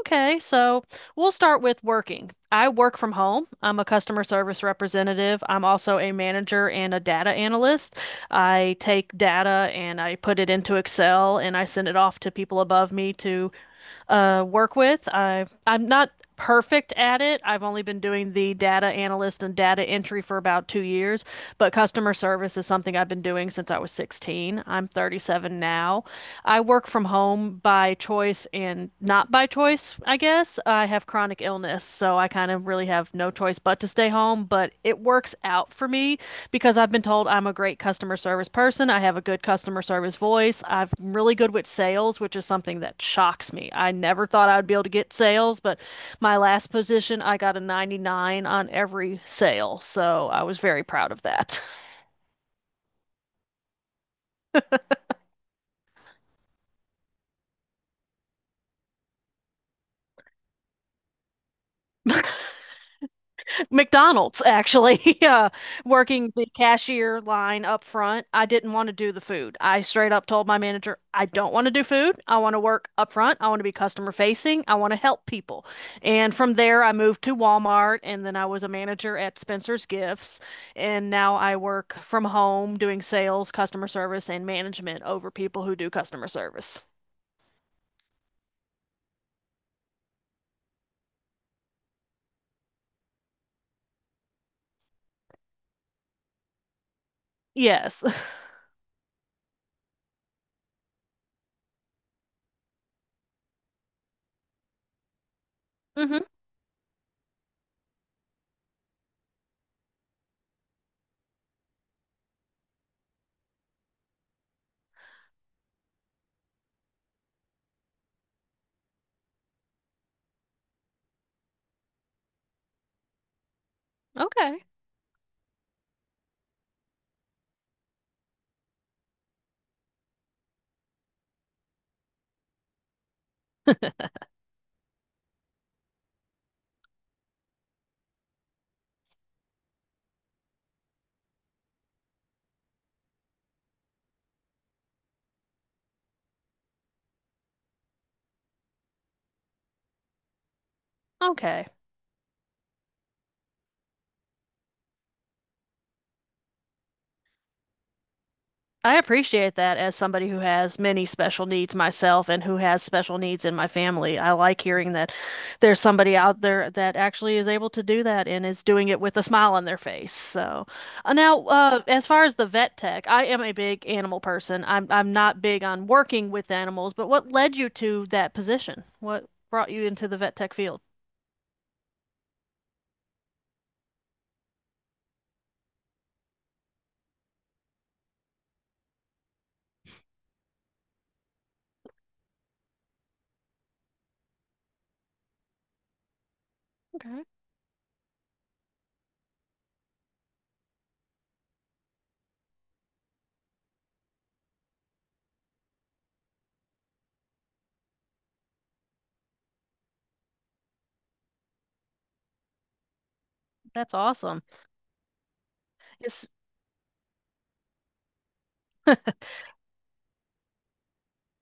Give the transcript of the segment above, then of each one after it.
Okay, so we'll start with working. I work from home. I'm a customer service representative. I'm also a manager and a data analyst. I take data and I put it into Excel and I send it off to people above me to work with. I'm not perfect at it. I've only been doing the data analyst and data entry for about 2 years, but customer service is something I've been doing since I was 16. I'm 37 now. I work from home by choice and not by choice, I guess. I have chronic illness, so I kind of really have no choice but to stay home, but it works out for me because I've been told I'm a great customer service person. I have a good customer service voice. I'm really good with sales, which is something that shocks me. I never thought I'd be able to get sales, but my last position, I got a 99 on every sale. So I was very proud of that. McDonald's actually, working the cashier line up front. I didn't want to do the food. I straight up told my manager, I don't want to do food. I want to work up front. I want to be customer facing. I want to help people. And from there, I moved to Walmart and then I was a manager at Spencer's Gifts. And now I work from home doing sales, customer service, and management over people who do customer service. Yes. hmm Okay. Okay. I appreciate that as somebody who has many special needs myself and who has special needs in my family. I like hearing that there's somebody out there that actually is able to do that and is doing it with a smile on their face. So, now, as far as the vet tech, I am a big animal person. I'm not big on working with animals, but what led you to that position? What brought you into the vet tech field? Okay, that's awesome. Is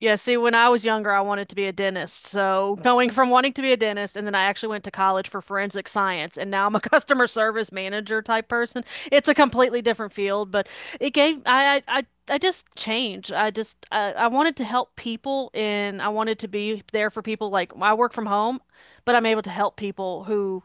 Yeah, see, when I was younger, I wanted to be a dentist. So going from wanting to be a dentist, and then I actually went to college for forensic science, and now I'm a customer service manager type person. It's a completely different field, but it gave I just changed. I wanted to help people, and I wanted to be there for people. Like I work from home, but I'm able to help people who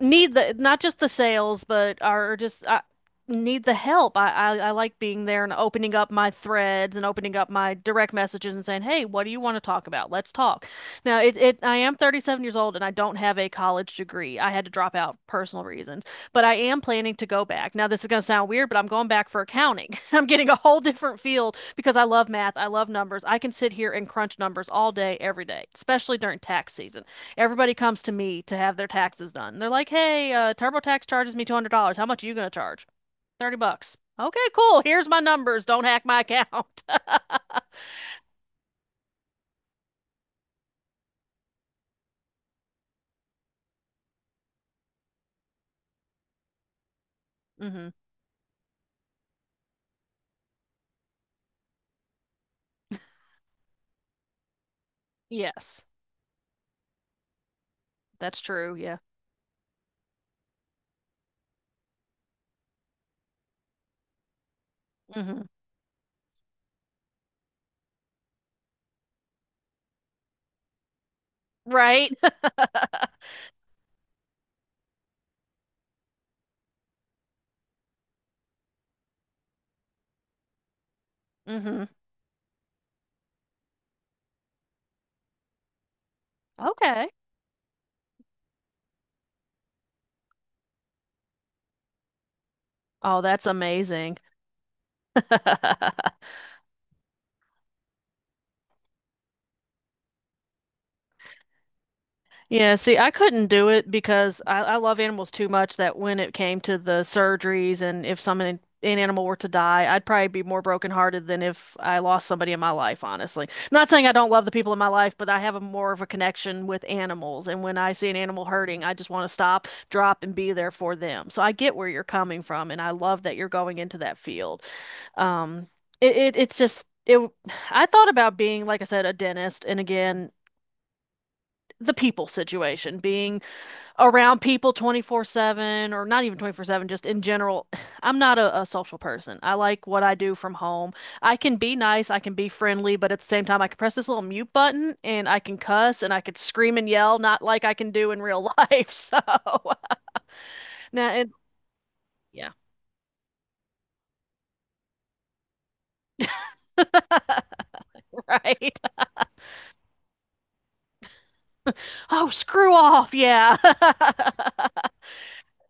need the not just the sales, but are just I need the help. I like being there and opening up my threads and opening up my direct messages and saying, "Hey, what do you want to talk about? Let's talk." Now, it I am 37 years old and I don't have a college degree. I had to drop out personal reasons, but I am planning to go back. Now, this is going to sound weird, but I'm going back for accounting. I'm getting a whole different field because I love math. I love numbers. I can sit here and crunch numbers all day, every day, especially during tax season. Everybody comes to me to have their taxes done. They're like, "Hey, TurboTax charges me $200. How much are you going to charge?" $30. Okay, cool. Here's my numbers. Don't hack my account. hmm Yes, that's true. Yeah. hmm Right? hmm Okay. Oh, that's amazing. Yeah, see, I couldn't do it because I love animals too much that when it came to the surgeries and if someone an animal were to die, I'd probably be more brokenhearted than if I lost somebody in my life, honestly. Not saying I don't love the people in my life, but I have a more of a connection with animals. And when I see an animal hurting, I just want to stop, drop, and be there for them. So I get where you're coming from, and I love that you're going into that field. Um, it it's just it, I thought about being, like I said, a dentist, and again, the people situation, being around people 24/7 or not even 24/7 just in general. I'm not a social person. I like what I do from home. I can be nice, I can be friendly, but at the same time I can press this little mute button and I can cuss and I could scream and yell not like I can do in real life. So now and yeah, right. Oh, screw off. Yeah.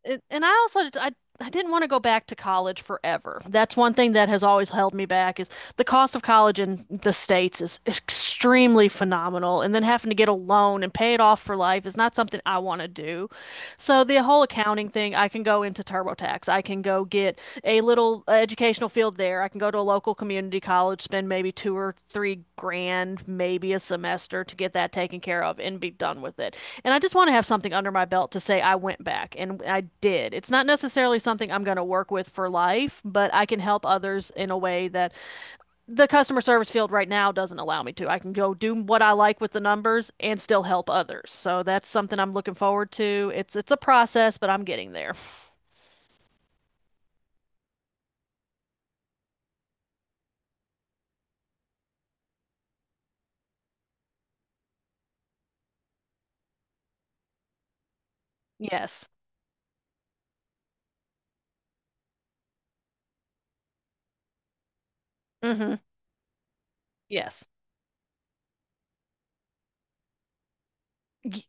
and I didn't want to go back to college forever. That's one thing that has always held me back is the cost of college in the States is extremely phenomenal, and then having to get a loan and pay it off for life is not something I want to do. So the whole accounting thing, I can go into TurboTax. I can go get a little educational field there. I can go to a local community college, spend maybe 2 or 3 grand, maybe a semester to get that taken care of and be done with it. And I just want to have something under my belt to say I went back and I did. It's not necessarily something I'm going to work with for life, but I can help others in a way that the customer service field right now doesn't allow me to. I can go do what I like with the numbers and still help others. So that's something I'm looking forward to. It's a process, but I'm getting there. Yes. hmm Yes.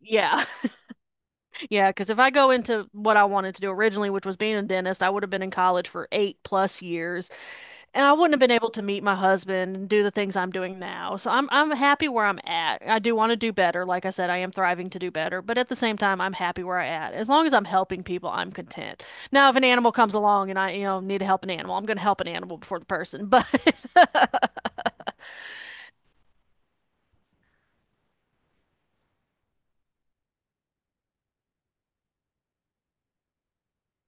Yeah. Yeah, because if I go into what I wanted to do originally, which was being a dentist, I would have been in college for 8 plus years, and I wouldn't have been able to meet my husband and do the things I'm doing now. So I'm happy where I'm at. I do want to do better. Like I said, I am thriving to do better, but at the same time, I'm happy where I at. As long as I'm helping people, I'm content. Now, if an animal comes along and I, you know, need to help an animal, I'm going to help an animal before the person. But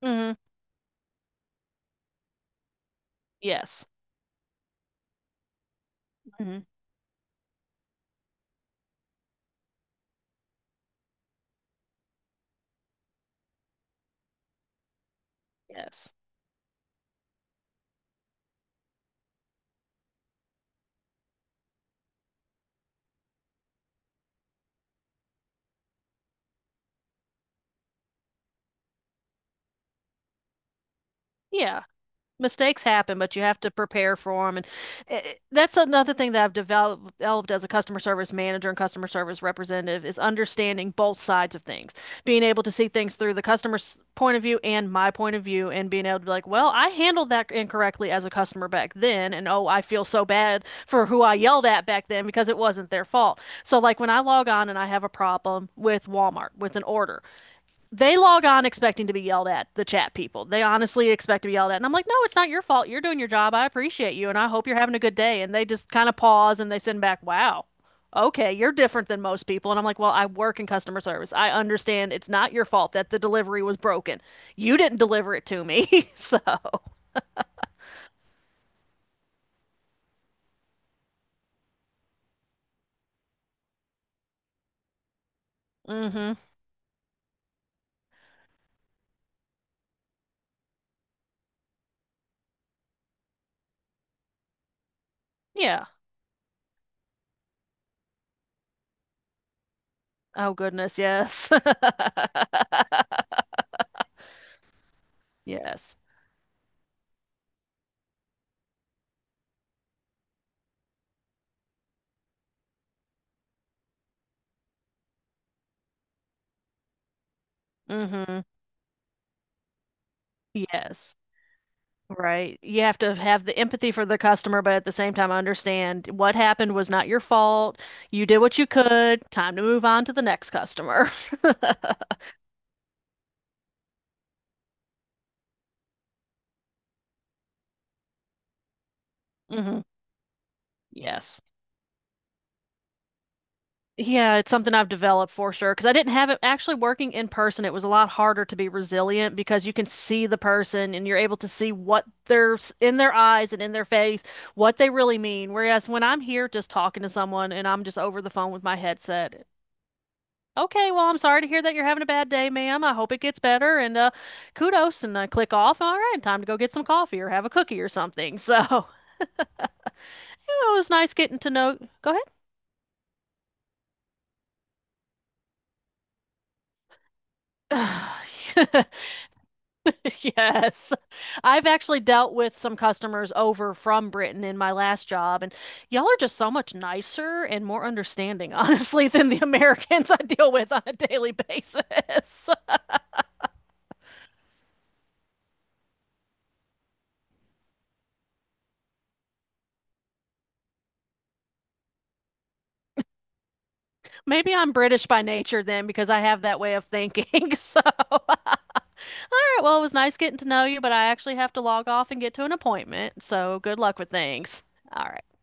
Mhm. yes. Mhm. Yes. Yeah. Mistakes happen, but you have to prepare for them. And that's another thing that developed as a customer service manager and customer service representative is understanding both sides of things, being able to see things through the customer's point of view and my point of view, and being able to be like, well, I handled that incorrectly as a customer back then, and oh, I feel so bad for who I yelled at back then because it wasn't their fault. So like when I log on and I have a problem with Walmart with an order, they log on expecting to be yelled at, the chat people. They honestly expect to be yelled at. And I'm like, no, it's not your fault. You're doing your job. I appreciate you and I hope you're having a good day. And they just kind of pause and they send back, wow, okay, you're different than most people. And I'm like, well, I work in customer service. I understand it's not your fault that the delivery was broken. You didn't deliver it to me. so, mm hmm. Yeah. Oh, goodness. Yes. yes. Mm hmm. Yes. Right. You have to have the empathy for the customer, but at the same time, understand what happened was not your fault. You did what you could. Time to move on to the next customer. hmm Yes. Yeah, it's something I've developed for sure because I didn't have it actually working in person. It was a lot harder to be resilient because you can see the person and you're able to see in their eyes and in their face, what they really mean. Whereas when I'm here just talking to someone and I'm just over the phone with my headset, okay, well, I'm sorry to hear that you're having a bad day, ma'am. I hope it gets better and kudos and I click off. All right, time to go get some coffee or have a cookie or something. So, you know, it was nice getting to know. Go ahead. Yes. I've actually dealt with some customers over from Britain in my last job, and y'all are just so much nicer and more understanding, honestly, than the Americans I deal with on a daily basis. Maybe I'm British by nature then because I have that way of thinking. So right, well, it was nice getting to know you, but I actually have to log off and get to an appointment. So good luck with things. All right.